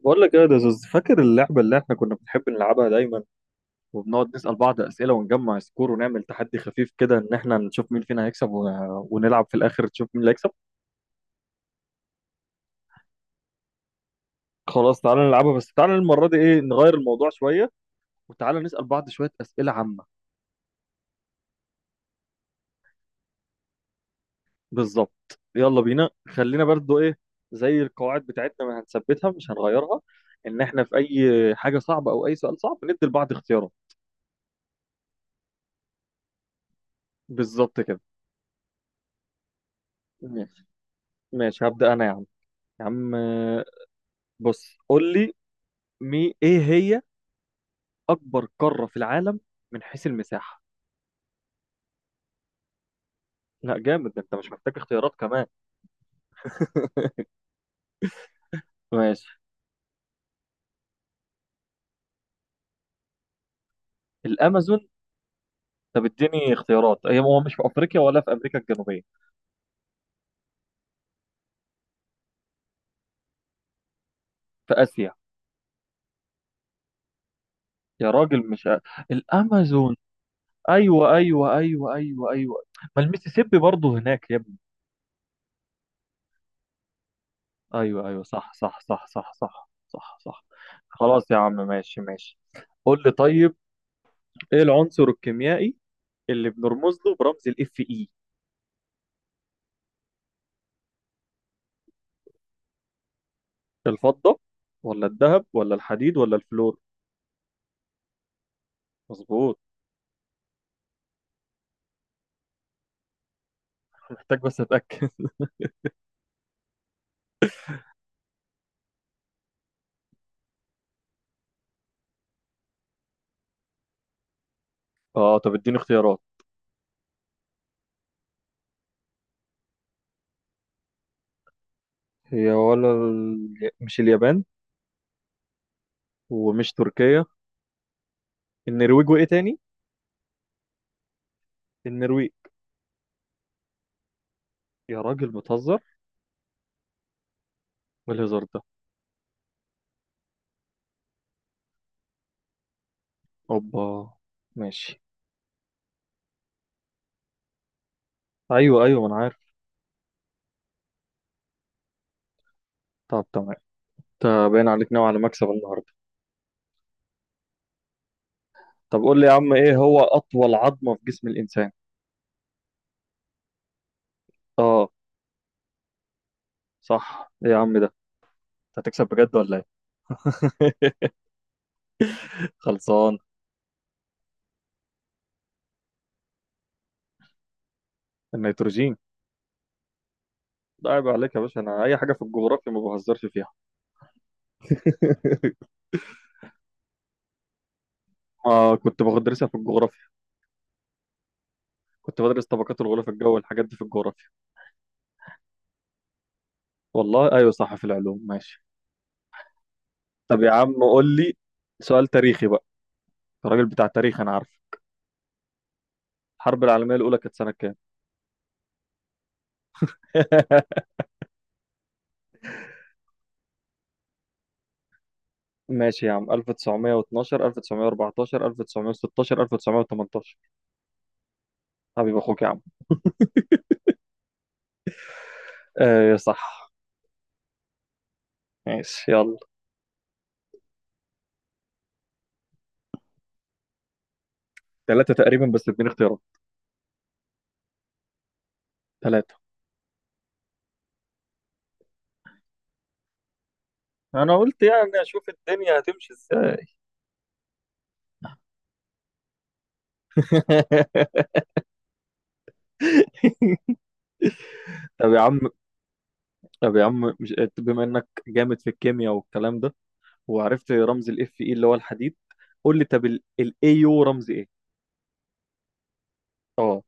بقول لك ايه ده زوز، فاكر اللعبه اللي احنا كنا بنحب نلعبها دايما، وبنقعد نسال بعض اسئله، ونجمع سكور، ونعمل تحدي خفيف كده، ان احنا نشوف مين فينا هيكسب ونلعب في الاخر تشوف مين اللي هيكسب. خلاص، تعالى نلعبها، بس تعالى المره دي ايه، نغير الموضوع شويه، وتعالى نسال بعض شويه اسئله عامه. بالظبط، يلا بينا. خلينا برضو ايه، زي القواعد بتاعتنا ما هنثبتها، مش هنغيرها، ان احنا في اي حاجه صعبه او اي سؤال صعب ندي لبعض اختيارات. بالظبط كده. ماشي، ماشي هبدا انا يا عم. يا عم. بص قول لي، ايه هي اكبر قارة في العالم من حيث المساحة؟ لا جامد، ده انت مش محتاج اختيارات كمان. ماشي. الامازون؟ طب اديني اختيارات، هي هو مش في افريقيا ولا في امريكا الجنوبية؟ في اسيا؟ يا راجل، مش أ... الامازون ايوه ايوه ايوه ايوه ايوه، ما الميسيسيبي برضه هناك يا ابني. ايوه ايوه، صح صح صح صح صح صح صح. خلاص يا عم، ماشي ماشي. قول لي طيب، ايه العنصر الكيميائي اللي بنرمز له برمز الاف اي؟ الفضة ولا الذهب ولا الحديد ولا الفلور؟ مظبوط. محتاج بس اتأكد. اه، طب اديني اختيارات. هي ولا مش اليابان، ومش تركيا؟ النرويج وايه تاني؟ النرويج. يا راجل بتهزر، ايه الهزار ده؟ اوبا. ماشي. ايوه ايوه، ما انا عارف. طب تمام. انت باين عليك نوع على مكسب النهارده. طب قول لي يا عم، ايه هو اطول عظمة في جسم الانسان؟ اه. صح. ايه يا عم ده، انت هتكسب بجد ولا ايه؟ خلصان. النيتروجين. لا عيب عليك يا باشا، انا اي حاجه في الجغرافيا ما بهزرش فيها. ما كنت بدرسها في الجغرافيا. كنت بدرس طبقات الغلاف الجوي والحاجات دي في الجغرافيا. والله ايوه صح، في العلوم، ماشي. طب يا عم قول لي، سؤال تاريخي بقى. أنت راجل بتاع تاريخ انا عارف. الحرب العالميه الاولى كانت سنه كام؟ ماشي يا عم، 1912، 1914، 1916، 1918. حبيب اخوك يا عم. ايه صح. ماشي، يلا. ثلاثة تقريبا، بس اديني اختيارات. ثلاثة. انا قلت يعني اشوف الدنيا هتمشي ازاي. طب يا عم، مش بما انك جامد في الكيمياء والكلام ده، وعرفت رمز الاف اي اللي هو الحديد، قول لي طب، الايو رمز ايه؟ اه.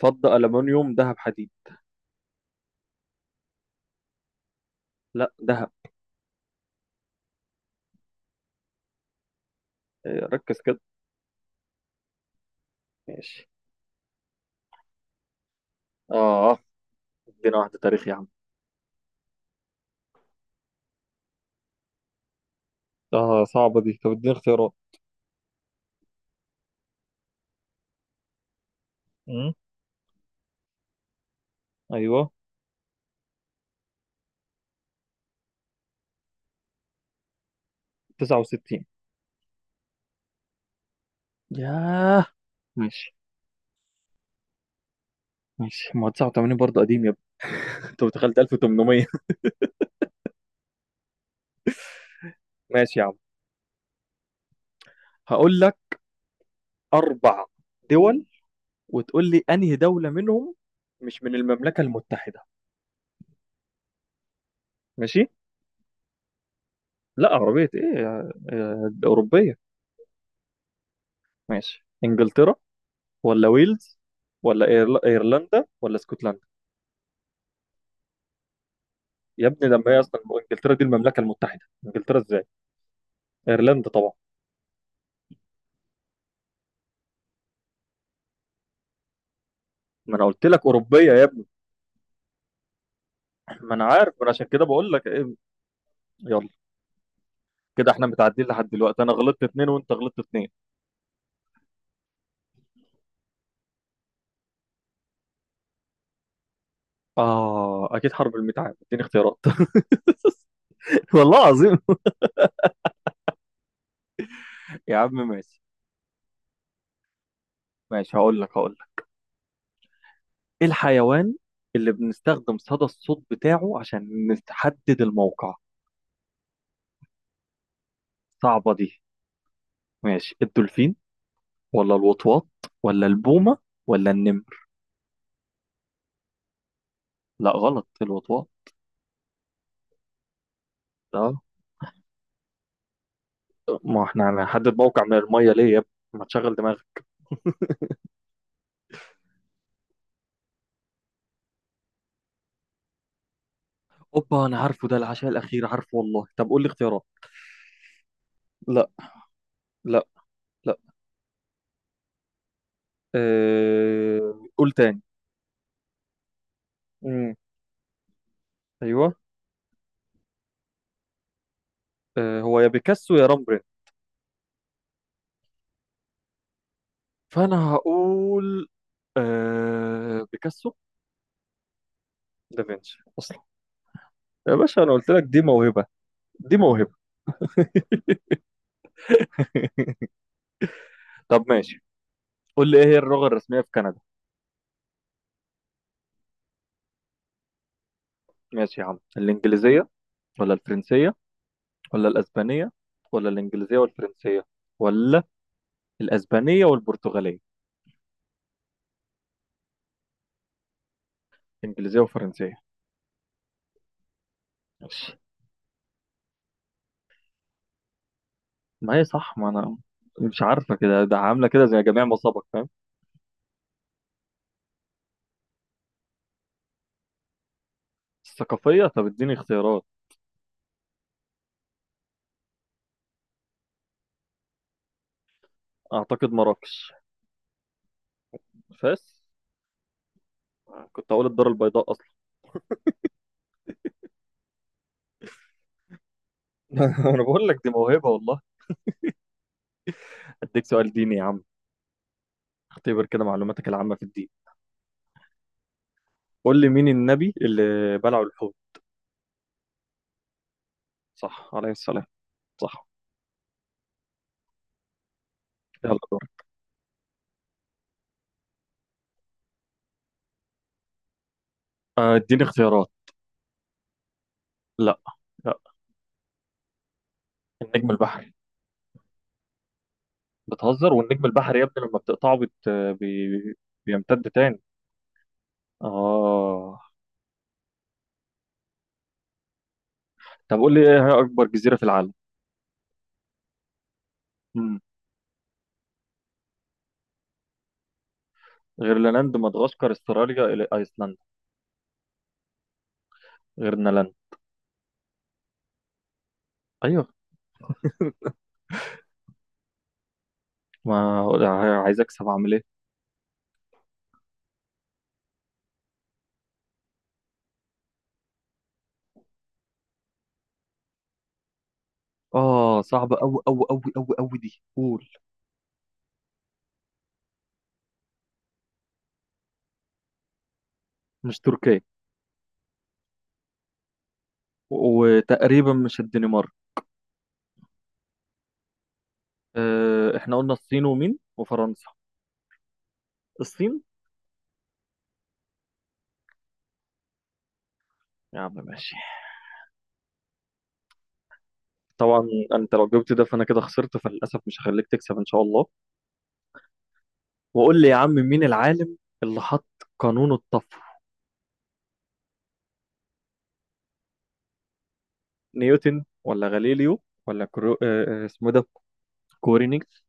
فضة، ألمنيوم، ذهب، حديد. لا، ذهب. ركز كده. ماشي. اه، ادينا واحدة تاريخ يا عم. اه صعبة دي، طب اديني اختيارات. امم. ايوه. 69. ياه. ماشي. ماشي، ما هو 89 برضه قديم يا ابني. انت دخلت 1800. ماشي يا عم، هقول لك اربع دول وتقول لي انهي دولة منهم مش من المملكة المتحدة. ماشي. لا عربية ايه، أوروبية. ماشي. انجلترا ولا ويلز ولا ايرلندا ولا اسكتلندا؟ يا ابني لما هي اصلا انجلترا دي المملكة المتحدة، انجلترا ازاي؟ ايرلندا طبعا. ما انا قلت لك أوروبية يا ابني. ما انا عارف، ما انا عشان كده بقول لك ايه. يلا. كده احنا متعادلين لحد دلوقتي، انا غلطت اتنين وانت غلطت اتنين. اه اكيد حرب الميت عام، اديني اختيارات. والله العظيم. يا عم ماشي. ماشي هقول لك، هقول. ايه الحيوان اللي بنستخدم صدى الصوت بتاعه عشان نحدد الموقع؟ صعبة دي. ماشي، الدولفين ولا الوطواط ولا البومة ولا النمر؟ لا غلط، الوطواط. اه. ما احنا هنحدد موقع من المية ليه يا ابني؟ ما تشغل دماغك. اوبا، انا عارفه ده، العشاء الاخير، عارفه والله. طب قول لي اختيارات. لا. لا. لا. اه... قول تاني. امم. ايوه. اه، هو يا بيكاسو يا رامبرين. فانا هقول بيكاسو. دافنشي اصل. يا باشا انا قلت لك دي موهبة، دي موهبة. طب ماشي. قول لي ايه هي اللغة الرسمية في كندا؟ ماشي يا عم، الانجليزية ولا الفرنسية ولا الاسبانية ولا الانجليزية والفرنسية ولا الاسبانية والبرتغالية؟ انجليزية وفرنسية. ماشي. ما هي صح، ما انا مش عارفة كده، ده عاملة كده زي جميع مصابك، فاهم. الثقافية؟ طب اديني اختيارات. اعتقد مراكش. فاس؟ كنت اقول الدار البيضاء اصلا. انا بقول لك دي موهبة والله. اديك سؤال ديني يا عم. اختبر كده معلوماتك العامة في الدين. قول لي مين النبي اللي بلعه الحوت؟ صح، عليه السلام. صح. يلا دور. اديني اختيارات. لا. لا. النجم البحري. بتهزر، والنجم البحري يا ابني لما بتقطعه بي... بيمتد تاني. اه. طب قول لي، ايه هي اكبر جزيرة في العالم؟ مم. غرينلاند، مدغشقر، استراليا، الى ايسلندا. غرينلاند. ايوه. ما عايز اكسب، اعمل ايه؟ اه صعبة قوي قوي قوي قوي قوي دي، قول. مش تركيا. وتقريبا مش الدنمارك. احنا قلنا الصين ومين وفرنسا. الصين. يا عم ماشي. طبعا. انت لو جبت ده فانا كده خسرت، فللاسف مش هخليك تكسب ان شاء الله. وقول لي يا عم، مين العالم اللي حط قانون الطفو؟ نيوتن ولا غاليليو ولا كرو... آه، آه، اسمه إيه ده، كورينيكس،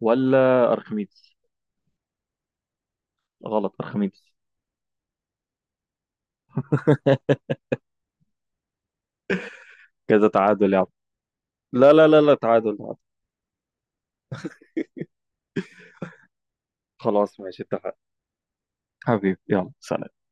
ولا ارخميدس؟ غلط، ارخميدس. كذا تعادل يا عم. لا لا لا لا، تعادل تعادل. خلاص ماشي، اتفقنا. حبيبي يلا، سلام.